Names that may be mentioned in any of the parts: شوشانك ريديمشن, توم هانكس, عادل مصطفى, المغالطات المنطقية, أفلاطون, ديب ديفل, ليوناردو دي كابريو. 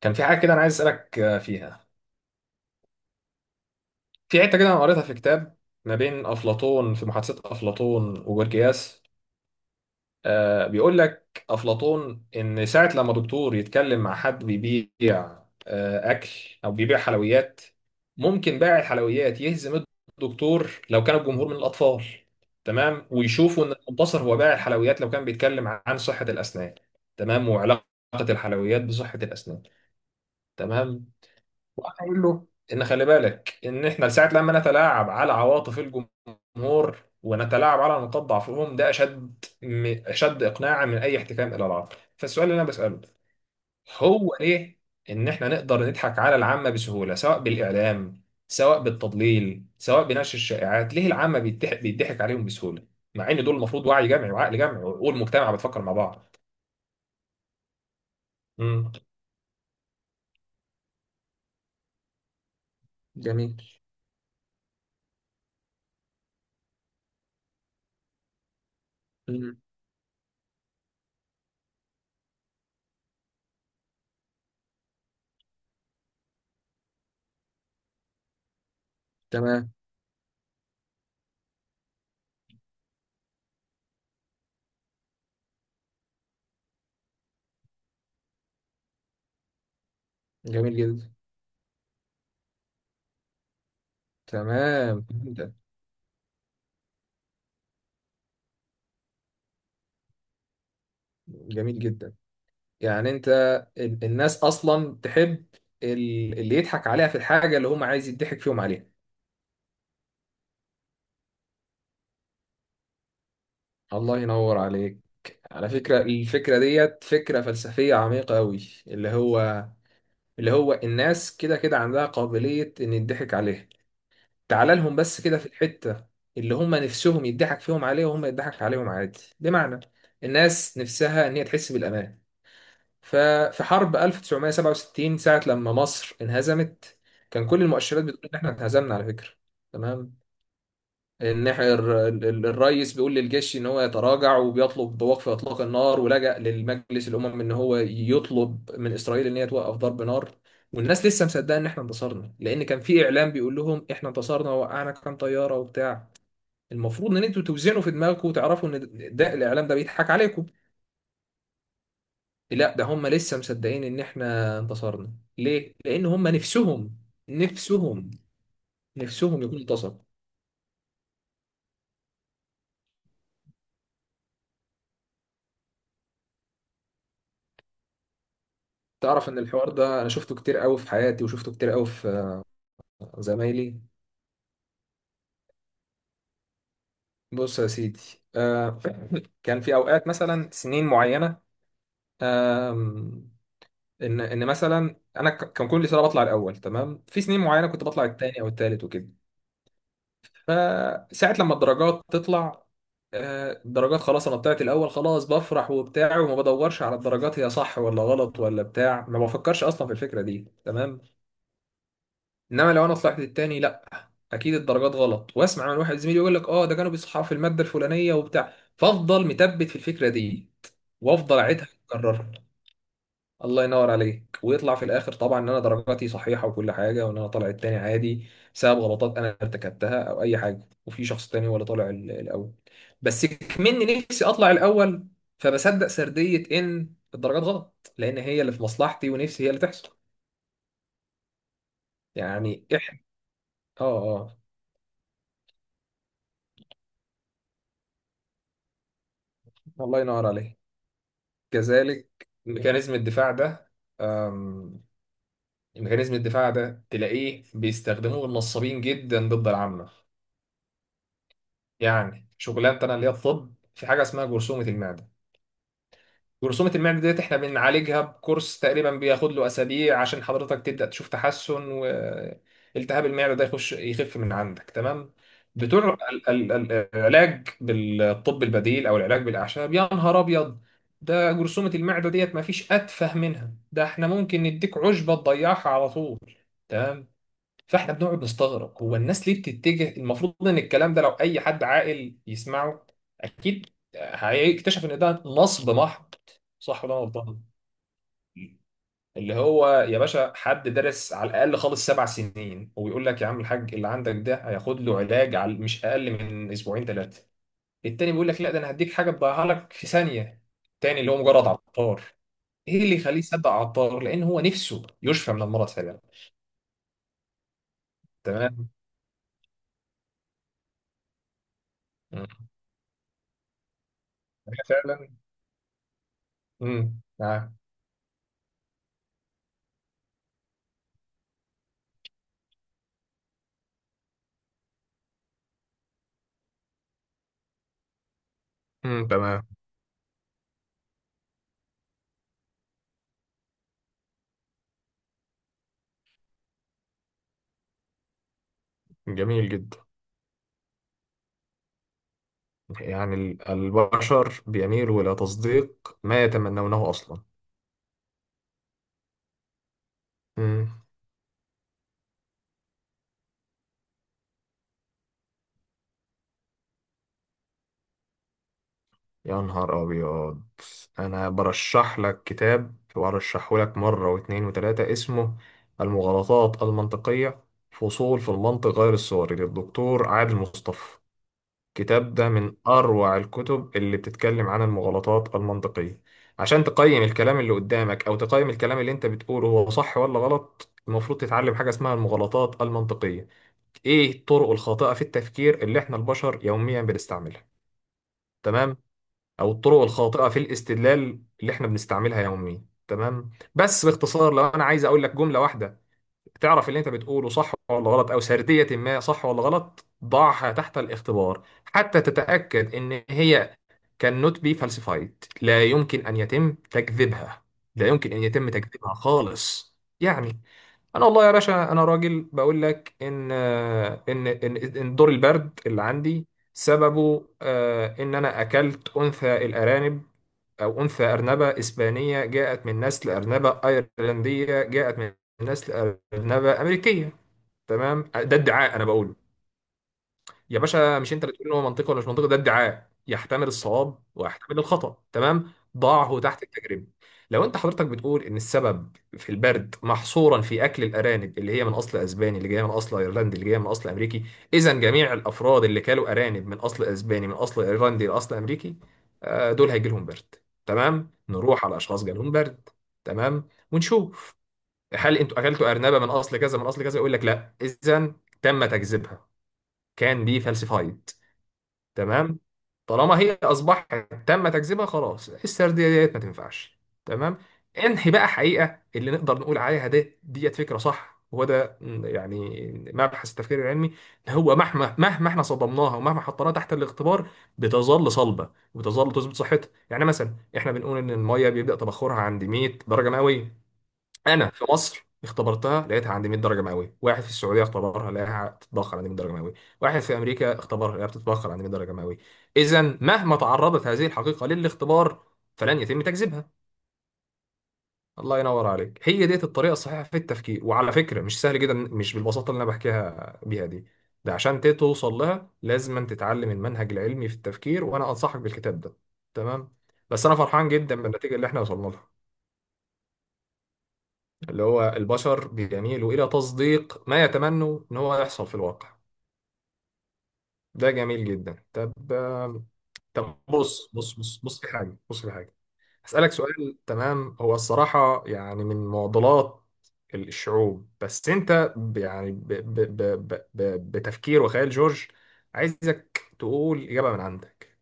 كان في حاجة كده أنا عايز أسألك آه، فيها. في حتة كده أنا قريتها في كتاب ما بين أفلاطون، في محادثة أفلاطون وجورجياس. بيقول لك أفلاطون إن ساعة لما دكتور يتكلم مع حد بيبيع أكل أو بيبيع حلويات، ممكن بائع الحلويات يهزم الدكتور لو كان الجمهور من الأطفال. تمام، ويشوفوا إن المنتصر هو بائع الحلويات لو كان بيتكلم عن صحة الأسنان. تمام، وعلاقة الحلويات بصحة الأسنان. تمام، وهقول له ان خلي بالك ان احنا ساعه لما نتلاعب على عواطف الجمهور ونتلاعب على نقاط ضعفهم، ده اشد اشد اقناعا من اي احتكام الى العقل. فالسؤال اللي انا بساله هو ليه ان احنا نقدر نضحك على العامه بسهوله، سواء بالاعلام، سواء بالتضليل، سواء بنشر الشائعات؟ ليه العامه بيضحك عليهم بسهوله؟ مع ان دول المفروض وعي جمعي وعقل جمعي، والمجتمع بتفكر مع بعض. امم جميل. امم تمام. جميل جدا. تمام. جميل جدا. يعني انت الناس اصلا تحب اللي يضحك عليها في الحاجه اللي هم عايز يضحك فيهم عليها. الله ينور عليك. على فكره الفكره ديت فكره فلسفيه عميقه قوي، اللي هو اللي هو الناس كده كده عندها قابليه ان يضحك عليها. تعال لهم بس كده في الحته اللي هم نفسهم يضحك فيهم عليها، وهم يضحك عليهم عادي. بمعنى الناس نفسها ان هي تحس بالامان. ففي حرب 1967، ساعة لما مصر انهزمت، كان كل المؤشرات بتقول ان احنا انهزمنا، على فكرة. تمام، ان احنا الرئيس بيقول للجيش ان هو يتراجع، وبيطلب وقف اطلاق النار، ولجأ للمجلس الامم ان هو يطلب من اسرائيل ان هي توقف ضرب نار. والناس لسه مصدقه ان احنا انتصرنا، لان كان في اعلام بيقول لهم احنا انتصرنا وقعنا كام طياره وبتاع. المفروض ان انتوا توزنوا في دماغكم وتعرفوا ان ده الاعلام ده بيضحك عليكم. لا، ده هم لسه مصدقين ان احنا انتصرنا. ليه؟ لان هم نفسهم، نفسهم نفسهم يكون انتصر. تعرف ان الحوار ده انا شفته كتير قوي في حياتي، وشفته كتير قوي في زمايلي. بص يا سيدي. آه كان في اوقات مثلا سنين معينه، آم، ان مثلا انا كان كل سنه بطلع الاول. تمام، في سنين معينه كنت بطلع الثاني او الثالث وكده. فساعة لما الدرجات تطلع، الدرجات خلاص، انا طلعت الاول، خلاص بفرح وبتاع، وما بدورش على الدرجات هي صح ولا غلط ولا بتاع، ما بفكرش اصلا في الفكرة دي. تمام. انما لو انا طلعت التاني، لا اكيد الدرجات غلط، واسمع من واحد زميلي يقول لك اه ده كانوا بيصححوا في المادة الفلانية وبتاع، فافضل متبت في الفكرة دي وافضل اعيدها اكررها. الله ينور عليك. ويطلع في الاخر طبعا ان انا درجاتي صحيحه وكل حاجه، وان انا طالع التاني عادي بسبب غلطات انا ارتكبتها او اي حاجه، وفي شخص تاني ولا طالع الاول. بس كمني نفسي اطلع الاول، فبصدق سرديه ان الدرجات غلط، لان هي اللي في مصلحتي ونفسي هي اللي تحصل. يعني احنا اه اه الله ينور عليك. كذلك ميكانيزم الدفاع ده. أم... ميكانيزم الدفاع ده تلاقيه بيستخدموه النصابين جدا ضد العامه. يعني شغلانه انا اللي هي الطب، في حاجه اسمها جرثومه المعده. جرثومه المعده ديت احنا بنعالجها بكورس تقريبا، بياخد له اسابيع عشان حضرتك تبدا تشوف تحسن، والتهاب المعده ده يخش يخف من عندك. تمام. بتوع العلاج بالطب البديل او العلاج بالاعشاب، يا نهار ابيض، ده جرثومه المعده ديت ما فيش اتفه منها، ده احنا ممكن نديك عشبه تضيعها على طول. تمام. فاحنا بنقعد نستغرب هو الناس ليه بتتجه؟ المفروض ان الكلام ده لو اي حد عاقل يسمعه، اكيد هيكتشف ان ده نصب محض. صح ولا انا غلطان؟ اللي هو يا باشا، حد درس على الاقل خالص 7 سنين ويقول لك يا عم الحاج اللي عندك ده هياخد له علاج على مش اقل من اسبوعين ثلاثه. التاني بيقول لك لا، ده انا هديك حاجه تضيعها لك في ثانيه، التاني اللي هو مجرد عطار. ايه اللي يخليه يصدق عطار؟ لان هو نفسه يشفى من المرض فعلا. تمام. مم. هي فعلا. امم تمام. جميل جدا. يعني البشر بيميلوا إلى تصديق ما يتمنونه أصلا. امم يا نهار أبيض. أنا برشح لك كتاب، وأرشحه لك مرة واتنين وتلاتة، اسمه المغالطات المنطقية، فصول في المنطق غير الصوري، للدكتور عادل مصطفى. الكتاب ده من أروع الكتب اللي بتتكلم عن المغالطات المنطقية. عشان تقيم الكلام اللي قدامك، أو تقيم الكلام اللي أنت بتقوله هو صح ولا غلط، المفروض تتعلم حاجة اسمها المغالطات المنطقية. إيه الطرق الخاطئة في التفكير اللي إحنا البشر يوميا بنستعملها؟ تمام. أو الطرق الخاطئة في الاستدلال اللي إحنا بنستعملها يوميا. تمام. بس باختصار لو أنا عايز أقول لك جملة واحدة، تعرف اللي انت بتقوله صح ولا غلط او سردية ما صح ولا غلط، ضعها تحت الاختبار حتى تتأكد ان هي cannot be falsified، لا يمكن ان يتم تكذيبها، لا يمكن ان يتم تكذيبها خالص. يعني انا والله يا باشا، انا راجل بقول لك إن دور البرد اللي عندي سببه ان انا اكلت انثى الارانب، أو أنثى أرنبة إسبانية جاءت من نسل أرنبة أيرلندية جاءت من نسل أرنبة أمريكية. تمام، ده ادعاء أنا بقوله. يا باشا مش انت اللي تقول ان هو منطقي ولا مش منطقي، ده ادعاء يحتمل الصواب ويحتمل الخطأ. تمام. ضعه تحت التجربة. لو انت حضرتك بتقول ان السبب في البرد محصورا في اكل الارانب اللي هي من اصل اسباني، اللي جايه من اصل ايرلندي، اللي جايه من اصل امريكي، اذا جميع الافراد اللي كلوا ارانب من اصل اسباني من اصل ايرلندي لاصل امريكي، دول هيجي لهم برد. تمام، نروح على اشخاص جالهم برد. تمام، ونشوف هل انتوا اكلتوا ارنبه من اصل كذا من اصل كذا، يقول لك لا. اذا تم تكذيبها، كان بي فالسيفايد. تمام. طالما هي اصبحت تم تكذيبها، خلاص السرديه ديت ما تنفعش. تمام. انهي بقى حقيقه اللي نقدر نقول عليها ده ديت فكره صح؟ وهو ده يعني مبحث التفكير العلمي. إن هو مهما احنا صدمناها ومهما حطيناها تحت الاختبار، بتظل صلبه وبتظل تثبت صحتها. يعني مثلا احنا بنقول ان الميه بيبدا تبخرها عند 100 درجه مئويه. انا في مصر اختبرتها، لقيتها عندي 100 درجه مئويه. واحد في السعوديه اختبرها، لقاها بتتبخر عندي 100 درجه مئويه. واحد في امريكا اختبرها، لقاها بتتبخر عندي 100 درجه مئويه. اذا مهما تعرضت هذه الحقيقه للاختبار، فلن يتم تكذيبها. الله ينور عليك. هي ديت الطريقه الصحيحه في التفكير، وعلى فكره مش سهل جدا، مش بالبساطه اللي انا بحكيها بيها دي. ده عشان توصل لها لازم أن تتعلم المنهج العلمي في التفكير، وانا انصحك بالكتاب ده. تمام. بس انا فرحان جدا بالنتيجه اللي احنا وصلنا لها، اللي هو البشر بيميلوا إلى تصديق ما يتمنوا إن هو يحصل في الواقع. ده جميل جدا. طب طب بص، في حاجة، في حاجة هسألك سؤال. تمام. هو الصراحة يعني من معضلات الشعوب، بس أنت يعني ب ب ب ب ب بتفكير وخيال جورج، عايزك تقول إجابة من عندك.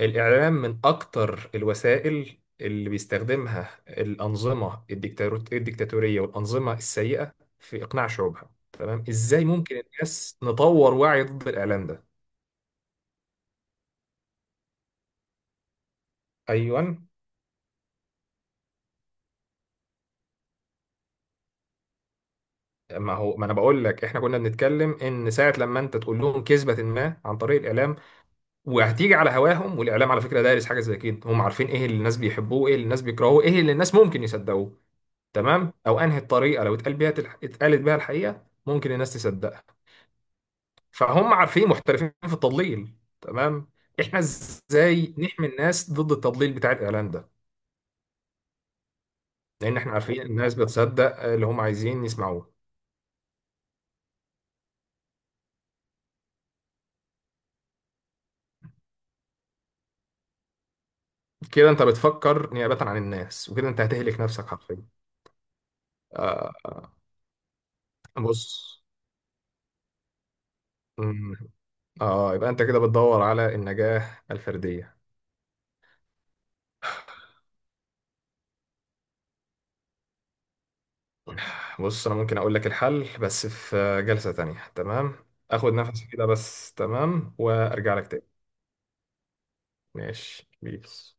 الإعلام من أكتر الوسائل اللي بيستخدمها الأنظمة الديكتاتورية والأنظمة السيئة في إقناع شعوبها. تمام. إزاي ممكن الناس نطور وعي ضد الإعلام ده؟ أيوة. ما هو ما أنا بقول لك، إحنا كنا بنتكلم إن ساعة لما أنت تقول لهم كذبة ما عن طريق الإعلام، وهتيجي على هواهم، والإعلام على فكرة دارس حاجة زي كده، هم عارفين إيه اللي الناس بيحبوه، إيه اللي الناس بيكرهوه، إيه اللي الناس ممكن يصدقوه. تمام، أو أنهي الطريقة لو اتقال بيها، اتقالت بيها الحقيقة، ممكن الناس تصدقها. فهم عارفين محترفين في التضليل. تمام. احنا ازاي نحمي الناس ضد التضليل بتاع الاعلان ده؟ لان احنا عارفين الناس بتصدق اللي هم عايزين يسمعوه. كده انت بتفكر نيابة عن الناس، وكده انت هتهلك نفسك حرفيا. آه بص. مم. اه، يبقى انت كده بتدور على النجاة الفردية. بص، انا ممكن اقول لك الحل بس في جلسة تانية. تمام. اخد نفسي كده بس، تمام، وارجع لك تاني. ماشي بيس.